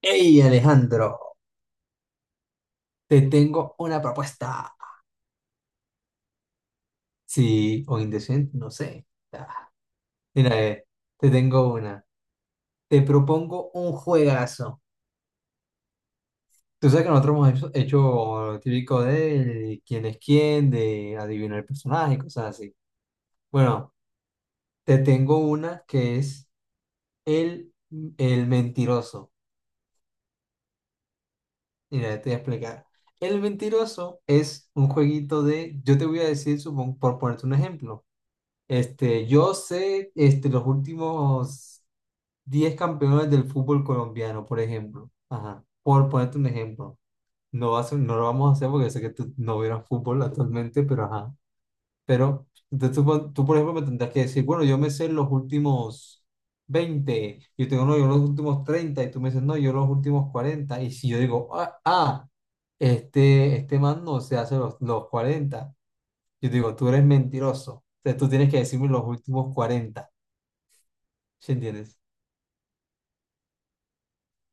Hey Alejandro, te tengo una propuesta. Sí, o indecente, no sé. Ah. Mira, te tengo una. Te propongo un juegazo. Tú sabes que nosotros hemos hecho lo típico de quién es quién, de adivinar el personaje, cosas así. Bueno, te tengo una que es el, el mentiroso. Mira, te voy a explicar. El mentiroso es un jueguito de, yo te voy a decir, supongo, por ponerte un ejemplo. Este, yo sé este, los últimos 10 campeones del fútbol colombiano, por ejemplo. Ajá. Por ponerte un ejemplo. No lo vamos a hacer porque sé que tú no vieras fútbol actualmente, pero ajá. Pero entonces tú, por ejemplo, me tendrás que decir, bueno, yo me sé los últimos 20, yo tengo, no, yo los últimos 30 y tú me dices, no, yo los últimos 40. Y si yo digo, este man no se hace los 40, yo digo, tú eres mentiroso. O sea, tú tienes que decirme los últimos 40. ¿Sí entiendes?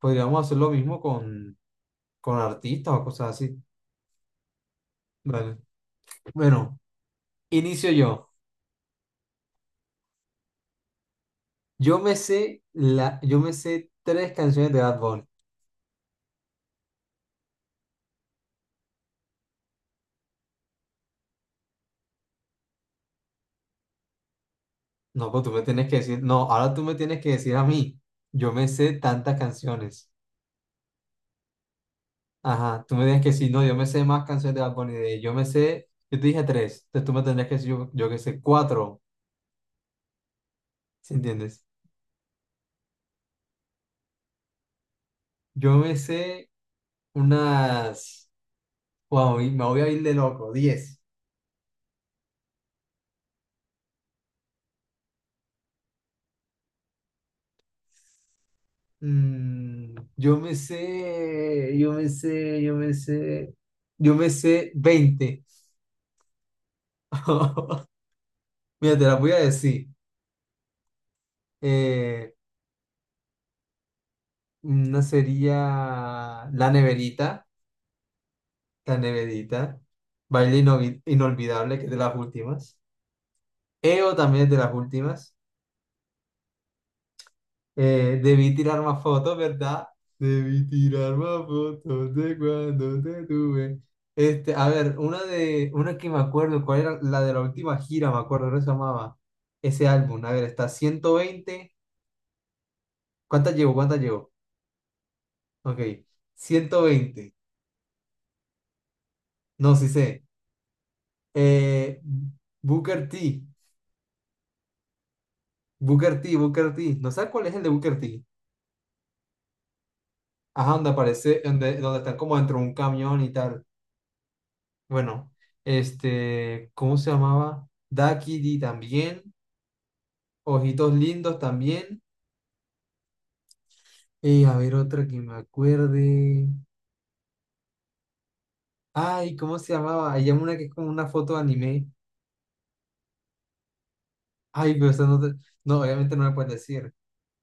Podríamos hacer lo mismo con artistas o cosas así. Vale. Bueno, inicio yo. Yo me sé tres canciones de Bad Bunny. No, pues tú me tienes que decir, no, ahora tú me tienes que decir a mí. Yo me sé tantas canciones. Ajá, tú me tienes que decir, no, yo me sé más canciones de Bad Bunny. Yo me sé, yo te dije tres, entonces tú me tendrías que decir, yo que sé, cuatro. ¿Sí entiendes? Yo me sé unas... Wow, y me voy a ir de loco. 10. Yo me sé, yo me sé, yo me sé, yo me sé 20. Mira, te la voy a decir. Eh, una sería La Neverita, La Neverita, Baile Inolvidable, que es de las últimas. EO también es de las últimas. Debí tirar más fotos, ¿verdad? Debí tirar más fotos de cuando te tuve. Este, a ver, una que me acuerdo, ¿cuál era? La de la última gira, me acuerdo, ¿cómo se llamaba? Ese álbum. A ver, está 120. ¿Cuántas llevo? Ok. 120. No, sí sé. Eh, Booker T. Booker T. No sé cuál es el de Booker T. Ajá, donde están como dentro de un camión y tal. Bueno, este, ¿cómo se llamaba? Daquiri también, Ojitos Lindos también. Y a ver otra que me acuerde. Ay, ¿cómo se llamaba? Hay una que es como una foto de anime. Ay, pero eso no te- No, obviamente no me puedes decir.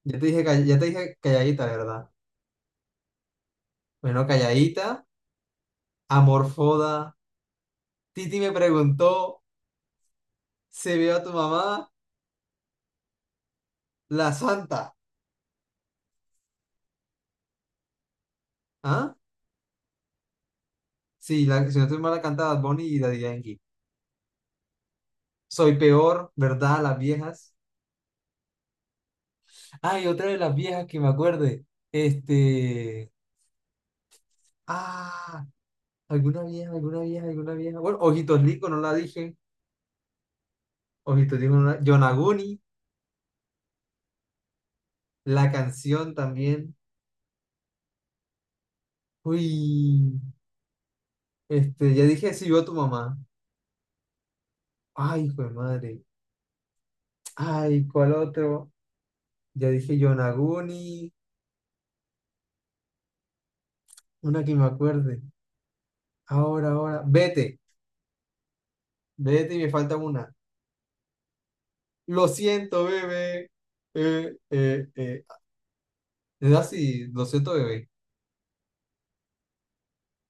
Ya te dije calladita, ¿verdad? Bueno, calladita, amorfoda. Titi me preguntó, ¿se vio a tu mamá? La Santa. ¿Ah? Sí, la, si no estoy mal, la canta Bad Bunny y Daddy Yankee. Soy peor, ¿verdad? Las viejas. Ay, otra de las viejas que me acuerde. Este. Ah, alguna vieja, alguna vieja, alguna vieja. Bueno, Ojitos Rico, no la dije. Ojitos Rico, no la... Yonaguni, la canción también. Uy, este, ya dije, si yo tu mamá. Ay, hijo de madre. Ay, ¿cuál otro? Ya dije Yonaguni, una que me acuerde. Ahora, ahora. Vete, vete y me falta una. Lo siento, bebé. Eh, eh, eh. Es así, lo siento, bebé.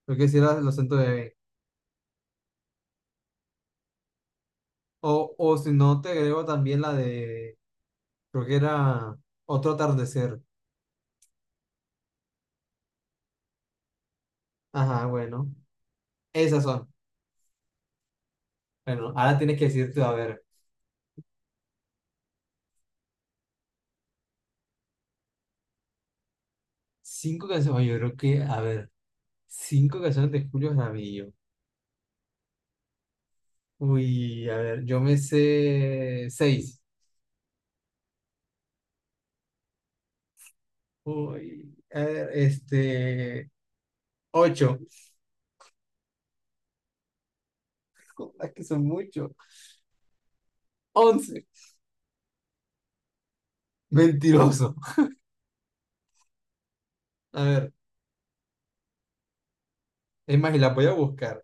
Creo que sí era el acento de... ahí. O si no, te agrego también la de... Creo que era otro atardecer. Ajá, bueno. Esas son. Bueno, ahora tienes que decirte, a ver, cinco canciones. Oye, yo creo que, a ver, cinco canciones de Julio Jaramillo. Uy, a ver, yo me sé seis. Uy, a ver, este... Ocho. Es que son muchos. 11. Mentiroso. A ver, es más, y la voy a buscar.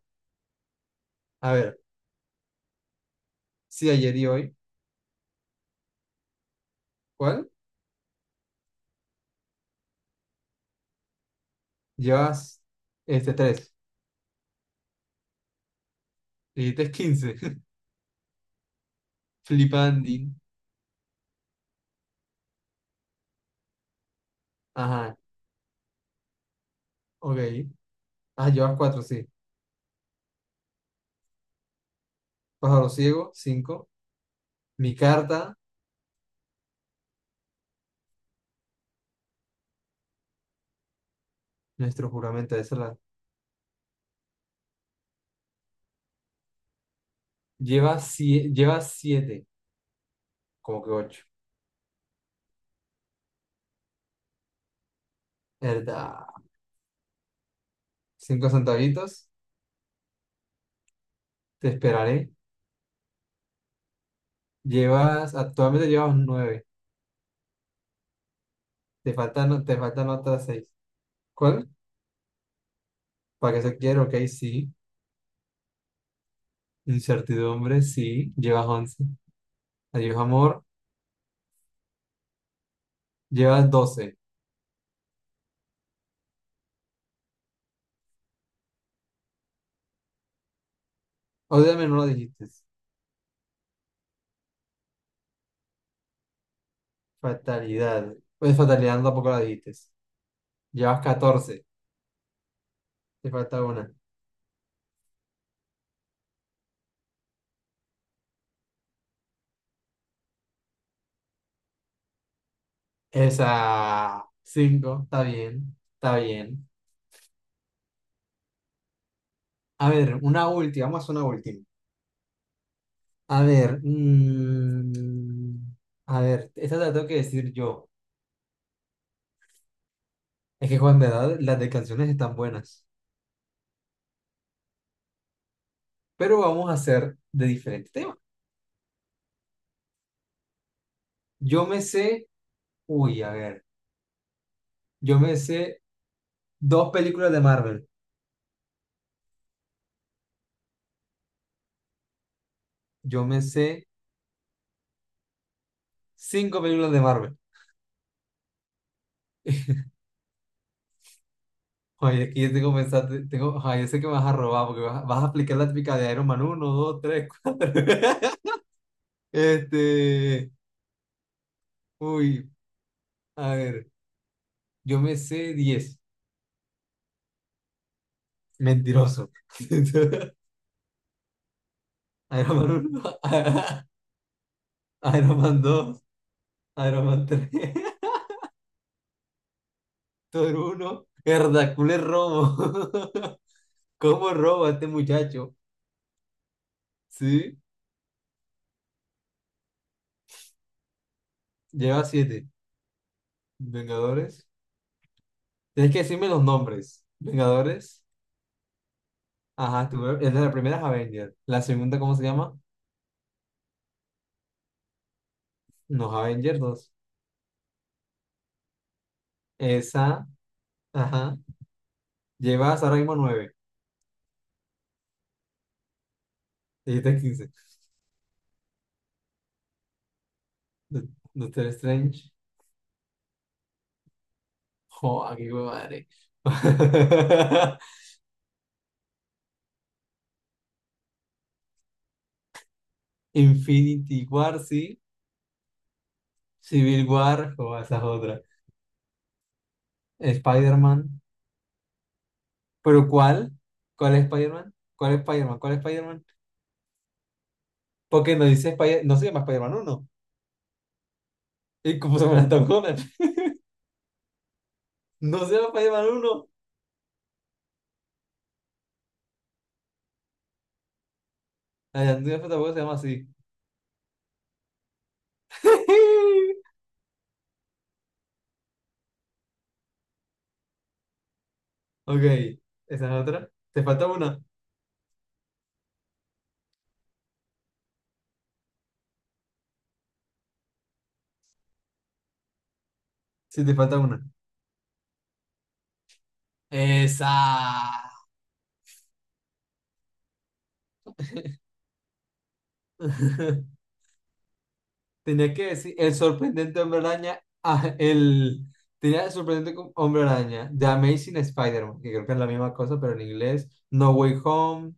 A ver, sí, ayer y hoy. ¿Cuál? Llevas este tres. Dijiste 15. Flipandín. Ajá, ok. Ah, llevas 4 sí. Pájaro ciego, cinco. Mi carta, nuestro juramento, esa la. Llevas 7, llevas siete, como que ocho. ¿Verdad? Cinco centavitos, te esperaré. Actualmente llevas nueve. Te faltan otras seis. ¿Cuál? ¿Para qué se quiere? Ok, sí. Incertidumbre, sí. Llevas 11. Adiós, amor. Llevas 12. Obviamente no lo dijiste. Fatalidad. Pues fatalidad no, tampoco la dijiste. Llevas 14. Te falta una. Esa. Cinco. Está bien. Está bien. A ver, una última. Vamos a hacer una última. A ver. A ver, esta te la tengo que decir yo. Es que, Juan, de verdad, las de canciones están buenas. Pero vamos a hacer de diferente tema. Yo me sé. Uy, a ver. Yo me sé dos películas de Marvel. Yo me sé cinco películas de Marvel. Oye, aquí ya tengo pensado, tengo, ay, yo sé que me vas a robar porque vas a aplicar la típica de Iron Man 1, 2, 3, 4. Este, uy, a ver, yo me sé 10. Mentiroso. Iron Man 1, Iron Man 2, Iron Man 3, Thor 1, Hercules robo. ¿Cómo roba este muchacho? Sí, lleva 7. Vengadores. Tienes que decirme los nombres. Vengadores. Ajá, es de la primera es Avengers. La segunda, ¿cómo se llama? No, Avengers dos. Esa, ajá. Llevas ahora mismo nueve. Dijiste 15. Do- Doctor Strange. Joder, qué madre. Infinity War, sí. Civil War, joder, esa es otra. Spider-Man. ¿Pero cuál? ¿Cuál es Spider-Man? ¿Cuál es Spider-Man? ¿Cuál es Spider-Man? Porque no dice no se llama Spider-Man 1. ¿Y cómo se llama Tom Holland? No se llama Spider-Man 1. La de Andrew tampoco se llama así. Ok, esa es otra. ¿Te falta una? Sí, te falta una. Esa. Tenías que decir el sorprendente hombre araña. El... Tenía el sorprendente hombre araña. The Amazing Spider-Man, que creo que es la misma cosa, pero en inglés. No Way Home.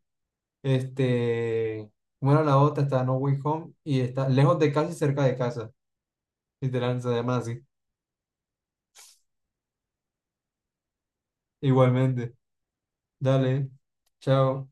Este. Bueno, la otra está No Way Home y está lejos de casa y cerca de casa. Literal, se llama así. Igualmente. Dale. Chao.